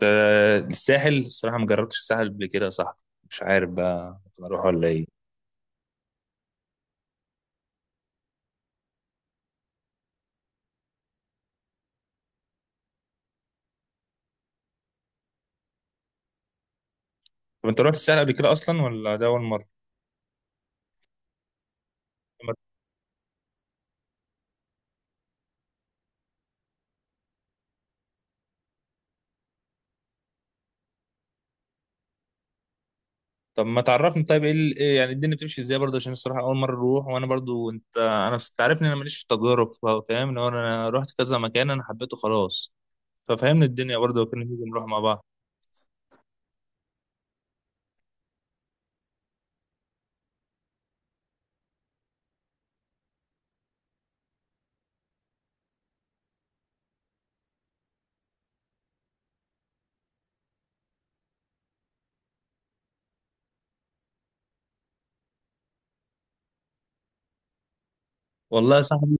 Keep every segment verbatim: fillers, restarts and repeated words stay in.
ده الساحل، الصراحة ما جربتش الساحل قبل كده يا صاحبي. مش عارف بقى ممكن اروح ولا ايه. طب انت رحت الساحل قبل كده اصلا ولا ده اول مرة؟ طب ما تعرفني طيب، ايه ال- إيه يعني الدنيا بتمشي ازاي برضه؟ عشان الصراحة اول مرة اروح، وانا برضه انت انا س- تعرفني انا ماليش في التجارب، فا- فاهم؟ لو انا رحت كذا مكان انا حبيته خلاص. ففهمني الدنيا برضه وكنا نيجي نروح مع بعض. والله يا صاحبي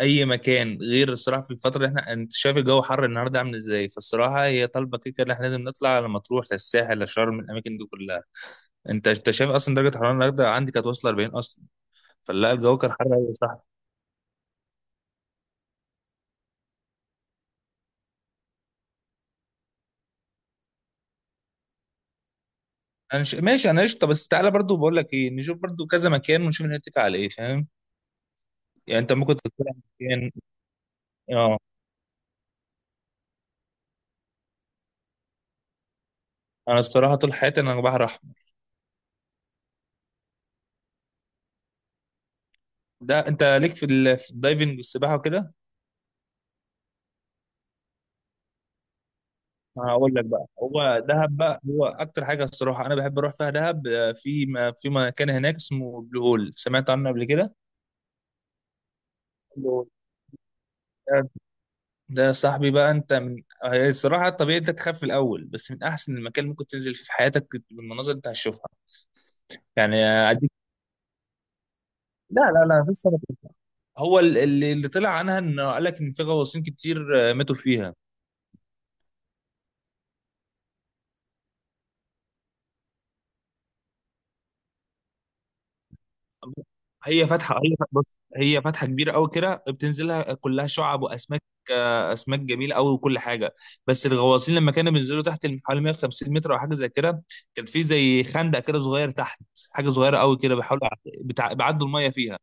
اي مكان غير الصراحه، في الفتره اللي احنا انت شايف الجو حر النهارده عامل ازاي، فالصراحه هي طالبه كده كده ان احنا لازم نطلع، لما تروح للساحل لشرم الاماكن دي كلها. انت انت شايف اصلا درجه حراره الغداء عندي كانت واصله أربعين اصلا، فلا الجو كان حر قوي صح. انا ش... ماشي انا قشطه، بس تعالى برضو بقول لك ايه، نشوف برضو كذا مكان ونشوف نتفق على ايه، فاهم؟ يعني انت ممكن تختار مكان. اه انا الصراحه طول حياتي انا بحر احمر. ده انت ليك في ال... في الدايفنج والسباحه وكده. هقول لك بقى، هو دهب بقى هو اكتر حاجه الصراحه انا بحب اروح فيها دهب. آه، في م... في مكان هناك اسمه بلو هول، سمعت عنه قبل كده؟ بلو هول ده صاحبي بقى، انت من هي الصراحه الطبيعي انت تخاف في الاول، بس من احسن المكان اللي ممكن تنزل فيه في حياتك بالمناظر اللي انت هتشوفها. يعني اديك، لا لا لا مفيش سنة كده. هو ال- اللي اللي طلع عنها انه قال لك ان في غواصين كتير آه، ماتوا فيها. هي فاتحه، هي فاتحة- بص، هي فاتحه كبيره قوي كده بتنزلها كلها شعب واسماك، آه، اسماك جميله قوي وكل حاجه. بس الغواصين لما كانوا بينزلوا تحت الم- حوالي مية وخمسين متر او حاجه زي كده، كان في زي خندق كده صغير تحت، حاجه صغيره قوي كده بيحاولوا يع- بتع- بيعدوا الميه فيها.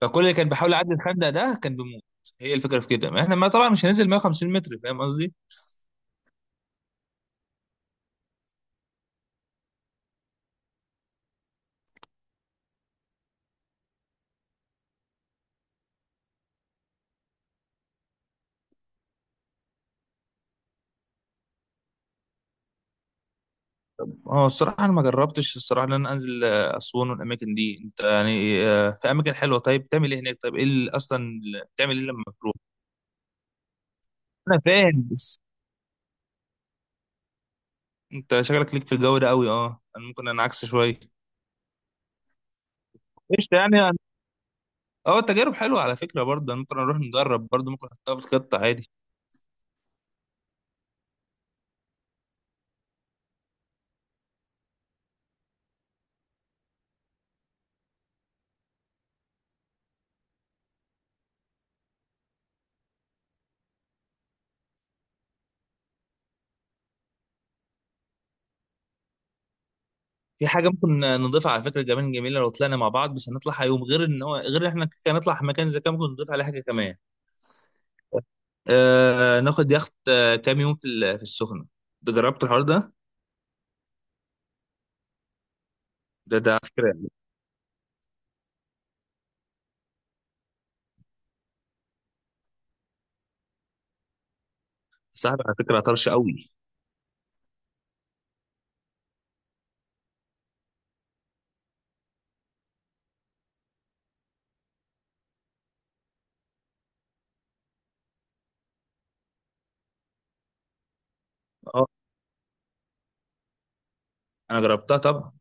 فكل اللي كان بيحاول يعدي الخندق ده كان بيموت. هي الفكره في كده، ما احنا ما طبعا مش هننزل مية وخمسين متر، فاهم قصدي. اه الصراحه انا ما جربتش الصراحه ان انا انزل آه، اسوان والاماكن دي، انت يعني آه، في اماكن حلوه طيب، بتعمل ايه هناك؟ طيب ايه اللي اصلا بتعمل ايه لما بتروح؟ انا فاهم، بس انت شغلك ليك في الجو ده قوي، اه انا ممكن انا عكس شويه. قشطه يعني. اه التجارب حلوه على فكره برضه، أنا ممكن اروح نجرب برضه، ممكن احطها في الخطه عادي. في حاجه ممكن نضيفها على فكره كمان جميله، لو طلعنا مع بعض بس هنطلع يوم غير ان هو غير ان احنا كان نطلع مكان زي كده ممكن نضيف عليه حاجه كمان. آه ناخد يخت آه، كام يوم في ال- في السخنه. ده جربت الحوار ده؟ ده ده على فكره صاحبي على فكره طرش قوي. اه انا جربتها طبعا.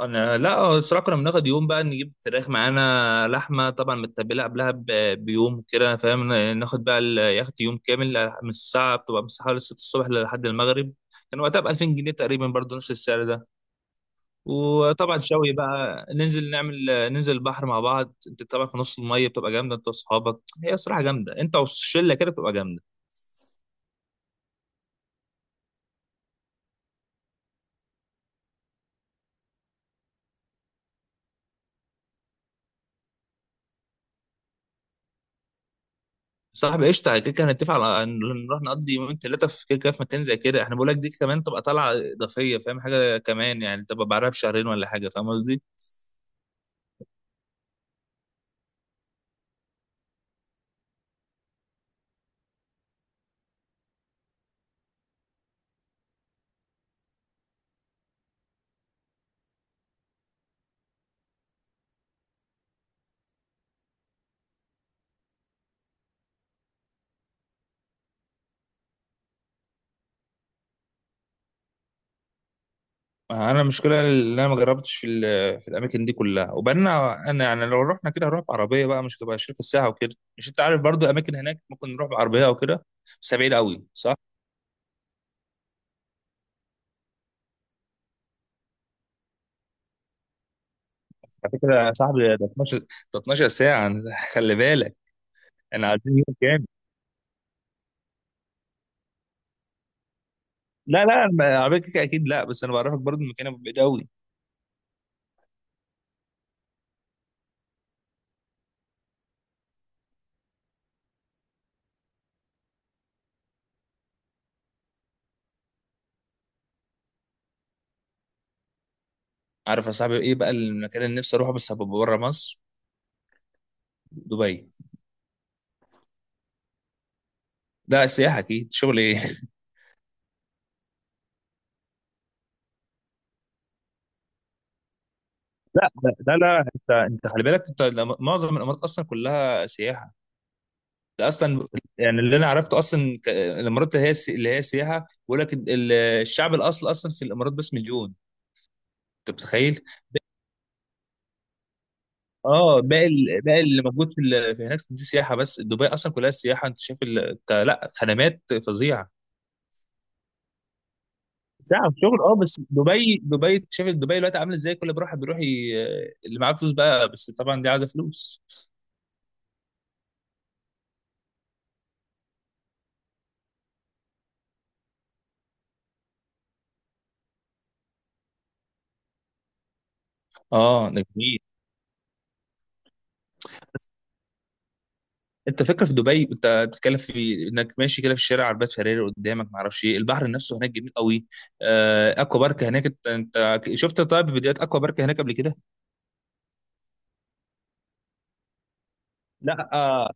انا لا آه، الصراحه كنا بناخد يوم بقى، نجيب فراخ معانا لحمه طبعا متبله قبلها ب- بيوم كده، فاهم؟ ناخد بقى اليخت يوم كامل، من الساعه بتبقى من الساعه حوالي ستة الصبح لحد المغرب. كان وقتها ب ألفين جنيه تقريبا برضه نفس السعر ده. وطبعا شوي بقى ننزل نعمل ننزل البحر مع بعض، انت طبعا في نص الميه بتبقى جامده، انت واصحابك هي الصراحه جامده، انت والشله كده بتبقى جامده. صاحبي قشطه، كده كده هنتفق على ان نروح نقضي يومين ثلاثه في كده كده في مكان زي كده، احنا بقول لك دي كمان تبقى طالعه اضافيه، فاهم؟ حاجه كمان يعني تبقى بعدها بشهرين ولا حاجه، فاهم قصدي. انا المشكله اللي انا ما جربتش في ال- في الاماكن دي كلها، وبعدين انا يعني لو رحنا كده هنروح بعربيه بقى، مش هتبقى شركه ساعه وكده، مش انت عارف برضو اماكن هناك ممكن نروح بعربيه او كده، بس بعيد قوي صح. على فكرة يا صاحبي ده اتناشر، ده اتناشر ساعة خلي بالك. انا عايزين يوم كامل. لا لا أنا- على فكرة كده اكيد لا، بس انا بعرفك برضو المكان ابو بعيد قوي. عارف يا صاحبي ايه بقى المكان اللي نفسي اروحه بس هبقى بره مصر؟ دبي. ده سياحة اكيد، شغل ايه لا لا لا لا، انت انت خلي بالك انت لما- معظم الامارات اصلا كلها سياحة. ده اصلا، يعني اللي انا عرفته اصلا ك- الامارات اللي هي السي- اللي هي سياحة. بيقول لك ال- الشعب الاصل اصلا في الامارات بس مليون. انت متخيل. اه باقي ال- باقي اللي موجود في ال- في هناك دي سياحه، بس دبي اصلا كلها سياحه، انت شايف ال... ك- لا خدمات فظيعه. ساعة شغل اه، بس دبي دبي شايف دبي دلوقتي عامله ازاي، كل بروح بيروح ي... اللي معاه فلوس بقى، بس طبعا دي عايزه فلوس. اه ده جميل. انت فكره في دبي انت بتتكلم في انك ماشي كده في الشارع عربيات فيراري قدامك، ما اعرفش ايه، البحر نفسه هناك جميل قوي. آه اكوا بارك هناك انت، انت شفت طيب فيديوهات اكوا بارك هناك قبل كده؟ لا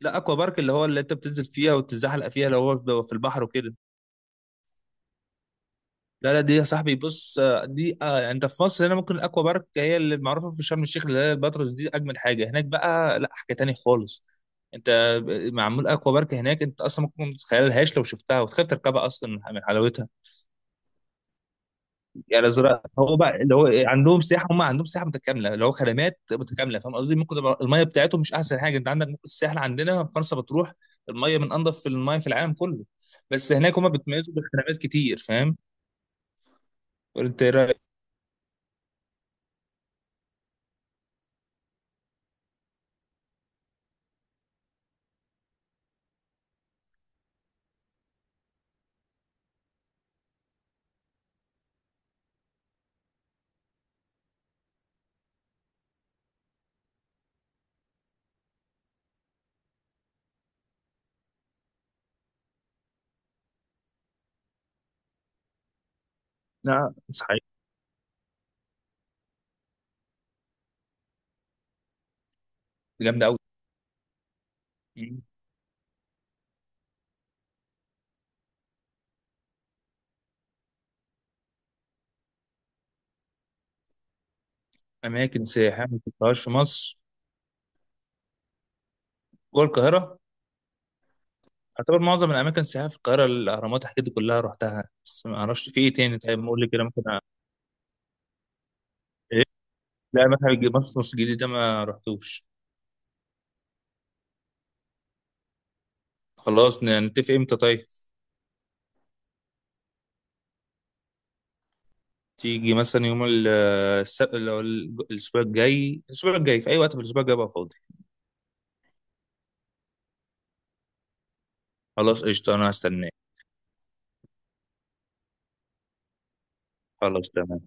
لا، اكوا بارك اللي هو اللي انت بتنزل فيها وتتزحلق فيها، اللي هو بيبقى في البحر وكده. لا لا دي يا صاحبي، بص آه، دي آه، يعني انت في مصر هنا ممكن الاكوا بارك هي اللي معروفه في شرم الشيخ اللي هي الباتروس دي اجمل حاجه، هناك بقى لا حاجه تاني خالص. انت ب- معمول اكوا بارك هناك انت اصلا ممكن ما تتخيلهاش لو شفتها، وتخاف تركبها اصلا من حلاوتها. يعني زراعة هو بقى اللي هو إيه، عندهم سياحة، هم عندهم سياحة متكاملة اللي هو خدمات متكاملة، فاهم قصدي؟ ممكن تبقى المية بتاعتهم مش أحسن حاجة، أنت عندك ممكن الساحل عندنا في فرنسا بتروح، المية من أنظف المية في العالم كله. بس هناك هم بيتميزوا بالخدمات كتير، فاهم؟ أنت إيه رأيك؟ لا صحيح، جامدة أوي. مم. أماكن سياحية ما شفتهاش في مصر؟ جوه القاهرة. أعتبر معظم الأماكن السياحية في القاهرة الأهرامات الحاجات دي كلها رحتها، بس ما أعرفش في إيه تاني، طيب قول لي كده ممكن أ- إيه؟ لا متحف الج- مصر مصر الجديد ده ما رحتوش. خلاص ن- نتفق إمتى طيب؟ تيجي مثلا يوم ال- الس- اللي هو الج- الاسبوع الجاي، الاسبوع الجاي في اي وقت في الاسبوع الجاي بقى فاضي. خلاص قشطه انا هستناك. خلاص تمام.